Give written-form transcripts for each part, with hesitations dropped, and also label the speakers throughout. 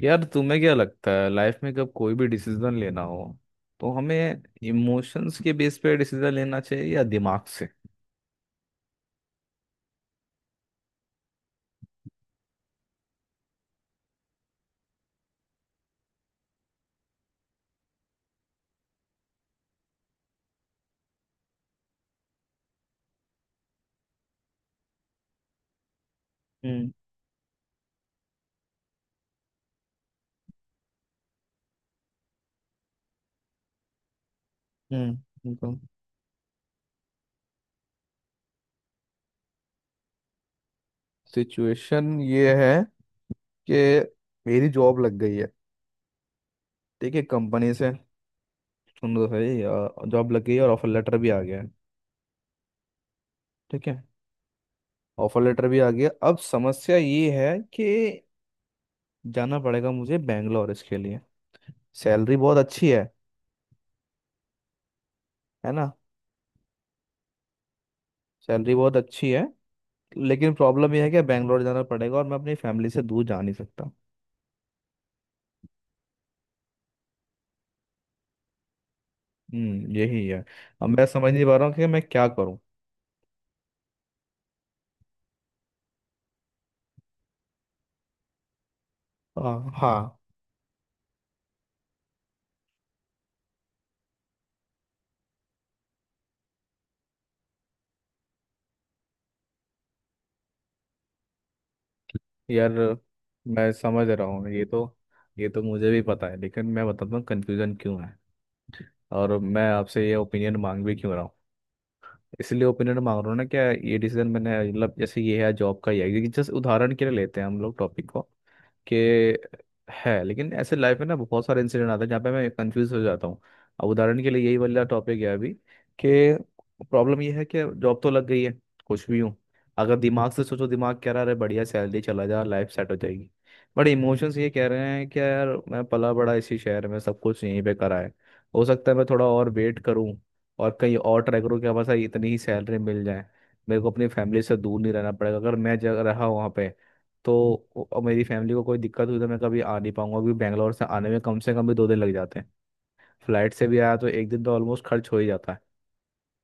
Speaker 1: यार, तुम्हें क्या लगता है लाइफ में कब कोई भी डिसीजन लेना हो तो हमें इमोशंस के बेस पे डिसीजन लेना चाहिए या दिमाग से? हम्म। हम्म। बिल्कुल। सिचुएशन ये है कि मेरी जॉब लग गई है। ठीक है, कंपनी से सुन लो, सही जॉब लग गई है और ऑफर लेटर भी आ गया है। ठीक है। ऑफर लेटर भी आ गया, अब समस्या ये है कि जाना पड़ेगा मुझे बैंगलोर इसके लिए। सैलरी बहुत अच्छी है ना? सैलरी बहुत अच्छी है, लेकिन प्रॉब्लम यह है कि बैंगलोर जाना पड़ेगा और मैं अपनी फैमिली से दूर जा नहीं सकता। हम्म, यही है। अब मैं समझ नहीं पा रहा हूँ कि मैं क्या करूँ। हाँ, हाँ। यार, मैं समझ रहा हूँ। ये तो मुझे भी पता है, लेकिन मैं बताता हूँ कंफ्यूजन क्यों है और मैं आपसे ये ओपिनियन मांग भी क्यों रहा हूँ। इसलिए ओपिनियन मांग रहा हूँ ना, क्या ये डिसीजन मैंने मतलब जैसे ये है, जॉब का ही है, क्योंकि जस्ट उदाहरण के लिए लेते हैं हम लोग टॉपिक को कि है, लेकिन ऐसे लाइफ में ना बहुत सारे इंसिडेंट आते हैं जहाँ पे मैं कंफ्यूज हो जाता हूँ। अब उदाहरण के लिए यही वाला टॉपिक है अभी, कि प्रॉब्लम ये है कि जॉब तो लग गई है, खुश भी हूँ। अगर दिमाग से सोचो, दिमाग कह रहा है बढ़िया सैलरी, चला जा, लाइफ सेट हो जाएगी। बट इमोशंस ये कह रहे हैं कि यार, मैं पला बड़ा इसी शहर में, सब कुछ यहीं पे करा है। हो सकता है मैं थोड़ा और वेट करूँ और कहीं और ट्राई करूँ कि हाँ, बस इतनी ही सैलरी मिल जाए, मेरे को अपनी फैमिली से दूर नहीं रहना पड़ेगा अगर मैं जगह रहा वहाँ पे। तो और मेरी फैमिली को कोई दिक्कत हुई तो मैं कभी आ नहीं पाऊंगा, क्योंकि बैंगलोर से आने में कम से कम भी 2 दिन लग जाते हैं। फ्लाइट से भी आया तो एक दिन तो ऑलमोस्ट खर्च हो ही जाता है।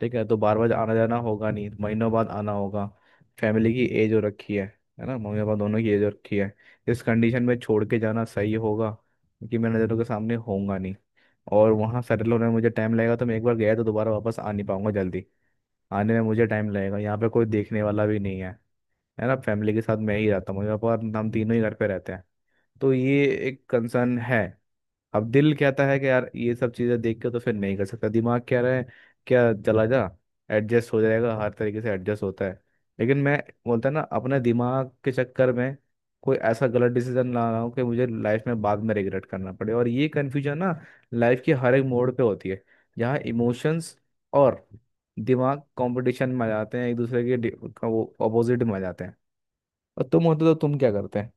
Speaker 1: ठीक है, तो बार बार आना जाना होगा नहीं, महीनों बाद आना होगा। फैमिली की एज हो रखी है ना? मम्मी पापा दोनों की एज हो रखी है। इस कंडीशन में छोड़ के जाना सही होगा, क्योंकि मैं नज़रों के सामने होऊंगा नहीं। और वहाँ सेटल होने में मुझे टाइम लगेगा, तो मैं एक बार गया तो दोबारा वापस आ नहीं पाऊंगा जल्दी। आने में मुझे टाइम लगेगा, यहाँ पे कोई देखने वाला भी नहीं है, है ना? फैमिली के साथ मैं ही रहता हूँ, मम्मी पापा और हम तीनों ही घर पे रहते हैं। तो ये एक कंसर्न है। अब दिल कहता है कि यार ये सब चीजें देख के तो फिर नहीं कर सकता, दिमाग कह रहा है क्या, चला जा, एडजस्ट हो जाएगा, हर तरीके से एडजस्ट होता है। लेकिन मैं बोलता ना, अपने दिमाग के चक्कर में कोई ऐसा गलत डिसीजन ना रहा हूँ कि मुझे लाइफ में बाद में रिग्रेट करना पड़े। और ये कन्फ्यूजन ना लाइफ के हर एक मोड़ पे होती है, जहाँ इमोशंस और दिमाग कंपटीशन में आ जाते हैं, एक दूसरे के का, वो अपोजिट में आ जाते हैं। और तुम होते तो तुम क्या करते हैं?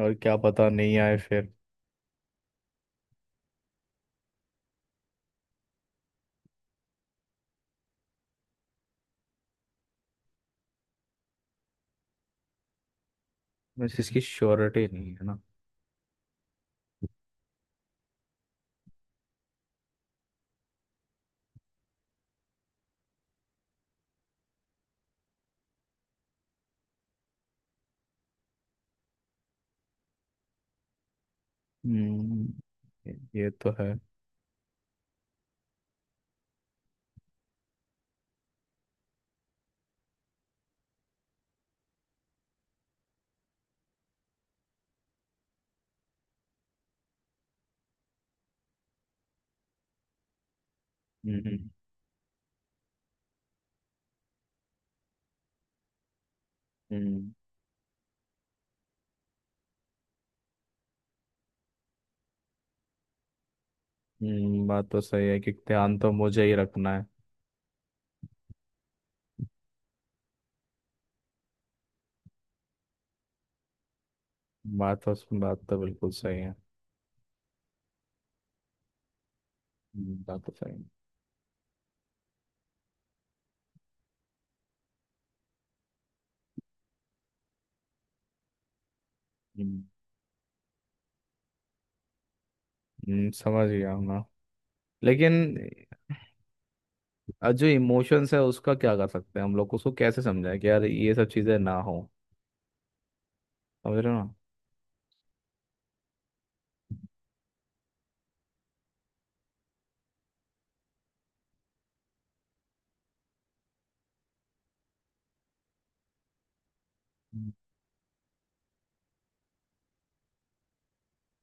Speaker 1: और क्या पता नहीं आए फिर। बस इसकी श्योरिटी नहीं है ना। हम्म। ये ये तो है। हम्म। हम्म बात तो सही है कि ध्यान तो मुझे ही रखना है। बात तो बिल्कुल सही है। बात तो सही है। हम्म। समझ गया हूँ ना। लेकिन जो इमोशंस है उसका क्या कर सकते हैं हम लोग, उसको कैसे समझाएं कि यार ये सब चीज़ें ना हो? समझ रहे हो ना? हम्म।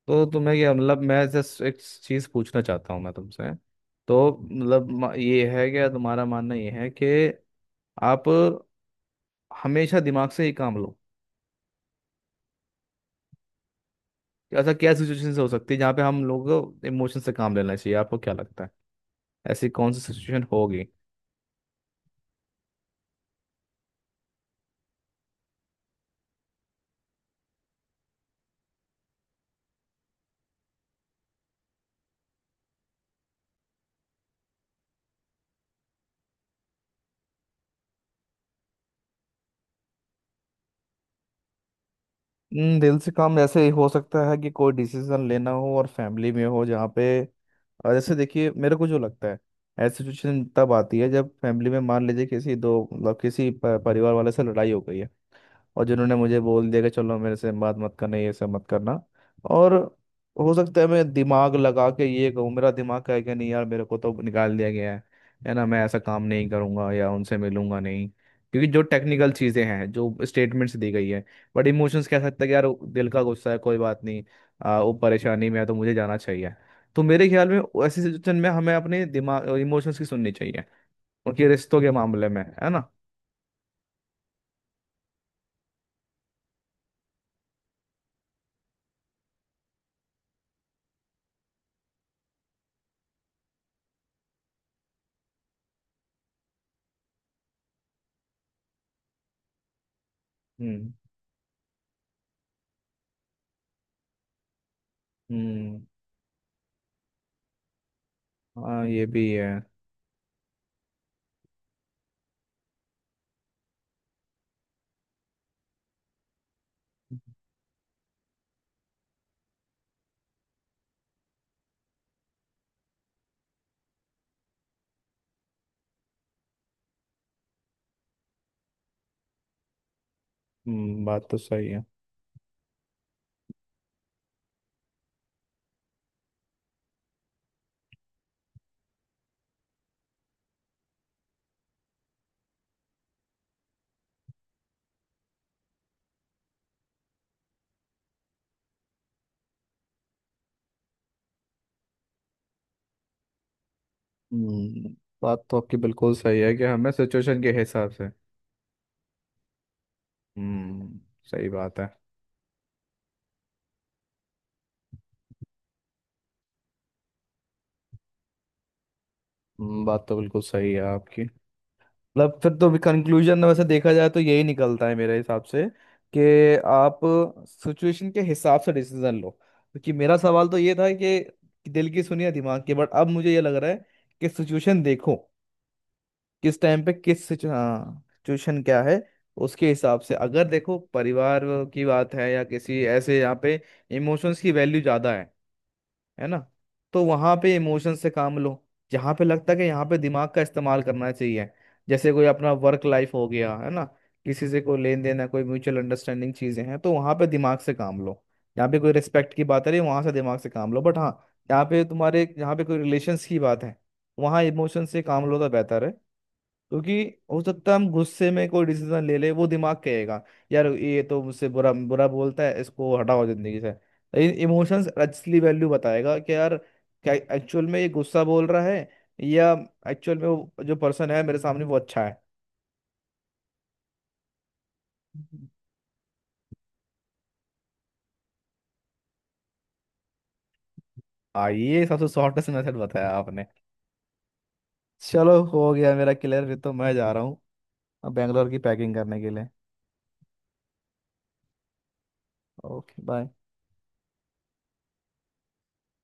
Speaker 1: तो तुम्हें क्या मतलब, मैं जस्ट एक चीज़ पूछना चाहता हूँ मैं तुमसे। तो मतलब ये है क्या, तुम्हारा मानना ये है कि आप हमेशा दिमाग से ही काम लो? कि ऐसा क्या सिचुएशन हो सकती है जहाँ पे हम लोगों को इमोशन से काम लेना चाहिए, आपको क्या लगता है? ऐसी कौन सी सिचुएशन होगी? दिल से काम ऐसे ही हो सकता है कि कोई डिसीजन लेना हो और फैमिली में हो जहाँ पे। और जैसे देखिए, मेरे को जो लगता है, ऐसी सिचुएशन तब आती है जब फैमिली में मान लीजिए किसी दो मतलब किसी परिवार वाले से लड़ाई हो गई है, और जिन्होंने मुझे बोल दिया कि चलो मेरे से बात मत करना, ये सब मत करना। और हो सकता है मैं दिमाग लगा के ये कहूँ, मेरा दिमाग कहे कि नहीं यार, मेरे को तो निकाल दिया गया है ना, मैं ऐसा काम नहीं करूँगा या उनसे मिलूंगा नहीं, क्योंकि जो टेक्निकल चीज़ें हैं, जो स्टेटमेंट्स दी गई है। बट इमोशंस कह सकते हैं कि यार, दिल का गुस्सा है, कोई बात नहीं। वो परेशानी में है तो मुझे जाना चाहिए। तो मेरे ख्याल में ऐसी सिचुएशन में हमें अपने दिमाग इमोशंस की सुननी चाहिए, उनके रिश्तों के मामले में, है ना? हम्म। हम्म। हाँ, ये भी है। बात तो सही है। हम्म। बात तो आपकी बिल्कुल सही है कि हमें सिचुएशन के हिसाब से। हम्म। सही बात है। बात तो बिल्कुल सही है आपकी। मतलब फिर तो कंक्लूजन में वैसे देखा जाए तो यही निकलता है मेरे हिसाब से कि आप सिचुएशन के हिसाब से डिसीजन लो, क्योंकि मेरा सवाल तो ये था कि दिल की सुनिए दिमाग की, बट अब मुझे ये लग रहा है कि सिचुएशन देखो, किस टाइम पे किस हाँ, सिचुएशन क्या है, उसके हिसाब से। अगर देखो परिवार की बात है या किसी ऐसे, यहाँ पे इमोशंस की वैल्यू ज़्यादा है ना, तो वहाँ पे इमोशंस से काम लो। जहाँ पे लगता है कि यहाँ पे दिमाग का इस्तेमाल करना चाहिए, जैसे कोई अपना वर्क लाइफ हो गया है ना, किसी से कोई लेन देन है, कोई म्यूचुअल अंडरस्टैंडिंग चीज़ें हैं, तो वहाँ पे दिमाग से काम लो। यहाँ पे कोई रिस्पेक्ट की बात है रही वहाँ से, दिमाग से काम लो। बट हाँ, यहाँ पे तुम्हारे यहाँ पे कोई रिलेशंस की बात है, वहाँ इमोशन से काम लो तो बेहतर है। क्योंकि हो सकता है हम गुस्से में कोई डिसीजन ले ले, वो दिमाग कहेगा यार ये तो मुझसे बुरा बुरा बोलता है, इसको हटाओ जिंदगी से। लेकिन इमोशंस असली वैल्यू बताएगा कि यार क्या एक्चुअल में ये गुस्सा बोल रहा है, या एक्चुअल में वो जो पर्सन है मेरे सामने वो अच्छा है। हम्म। आ ये सबसे शॉर्टेस्ट मेथड बताया आपने। चलो, हो गया मेरा क्लियर, फिर तो मैं जा रहा हूँ अब बैंगलोर की पैकिंग करने के लिए। Okay, bye.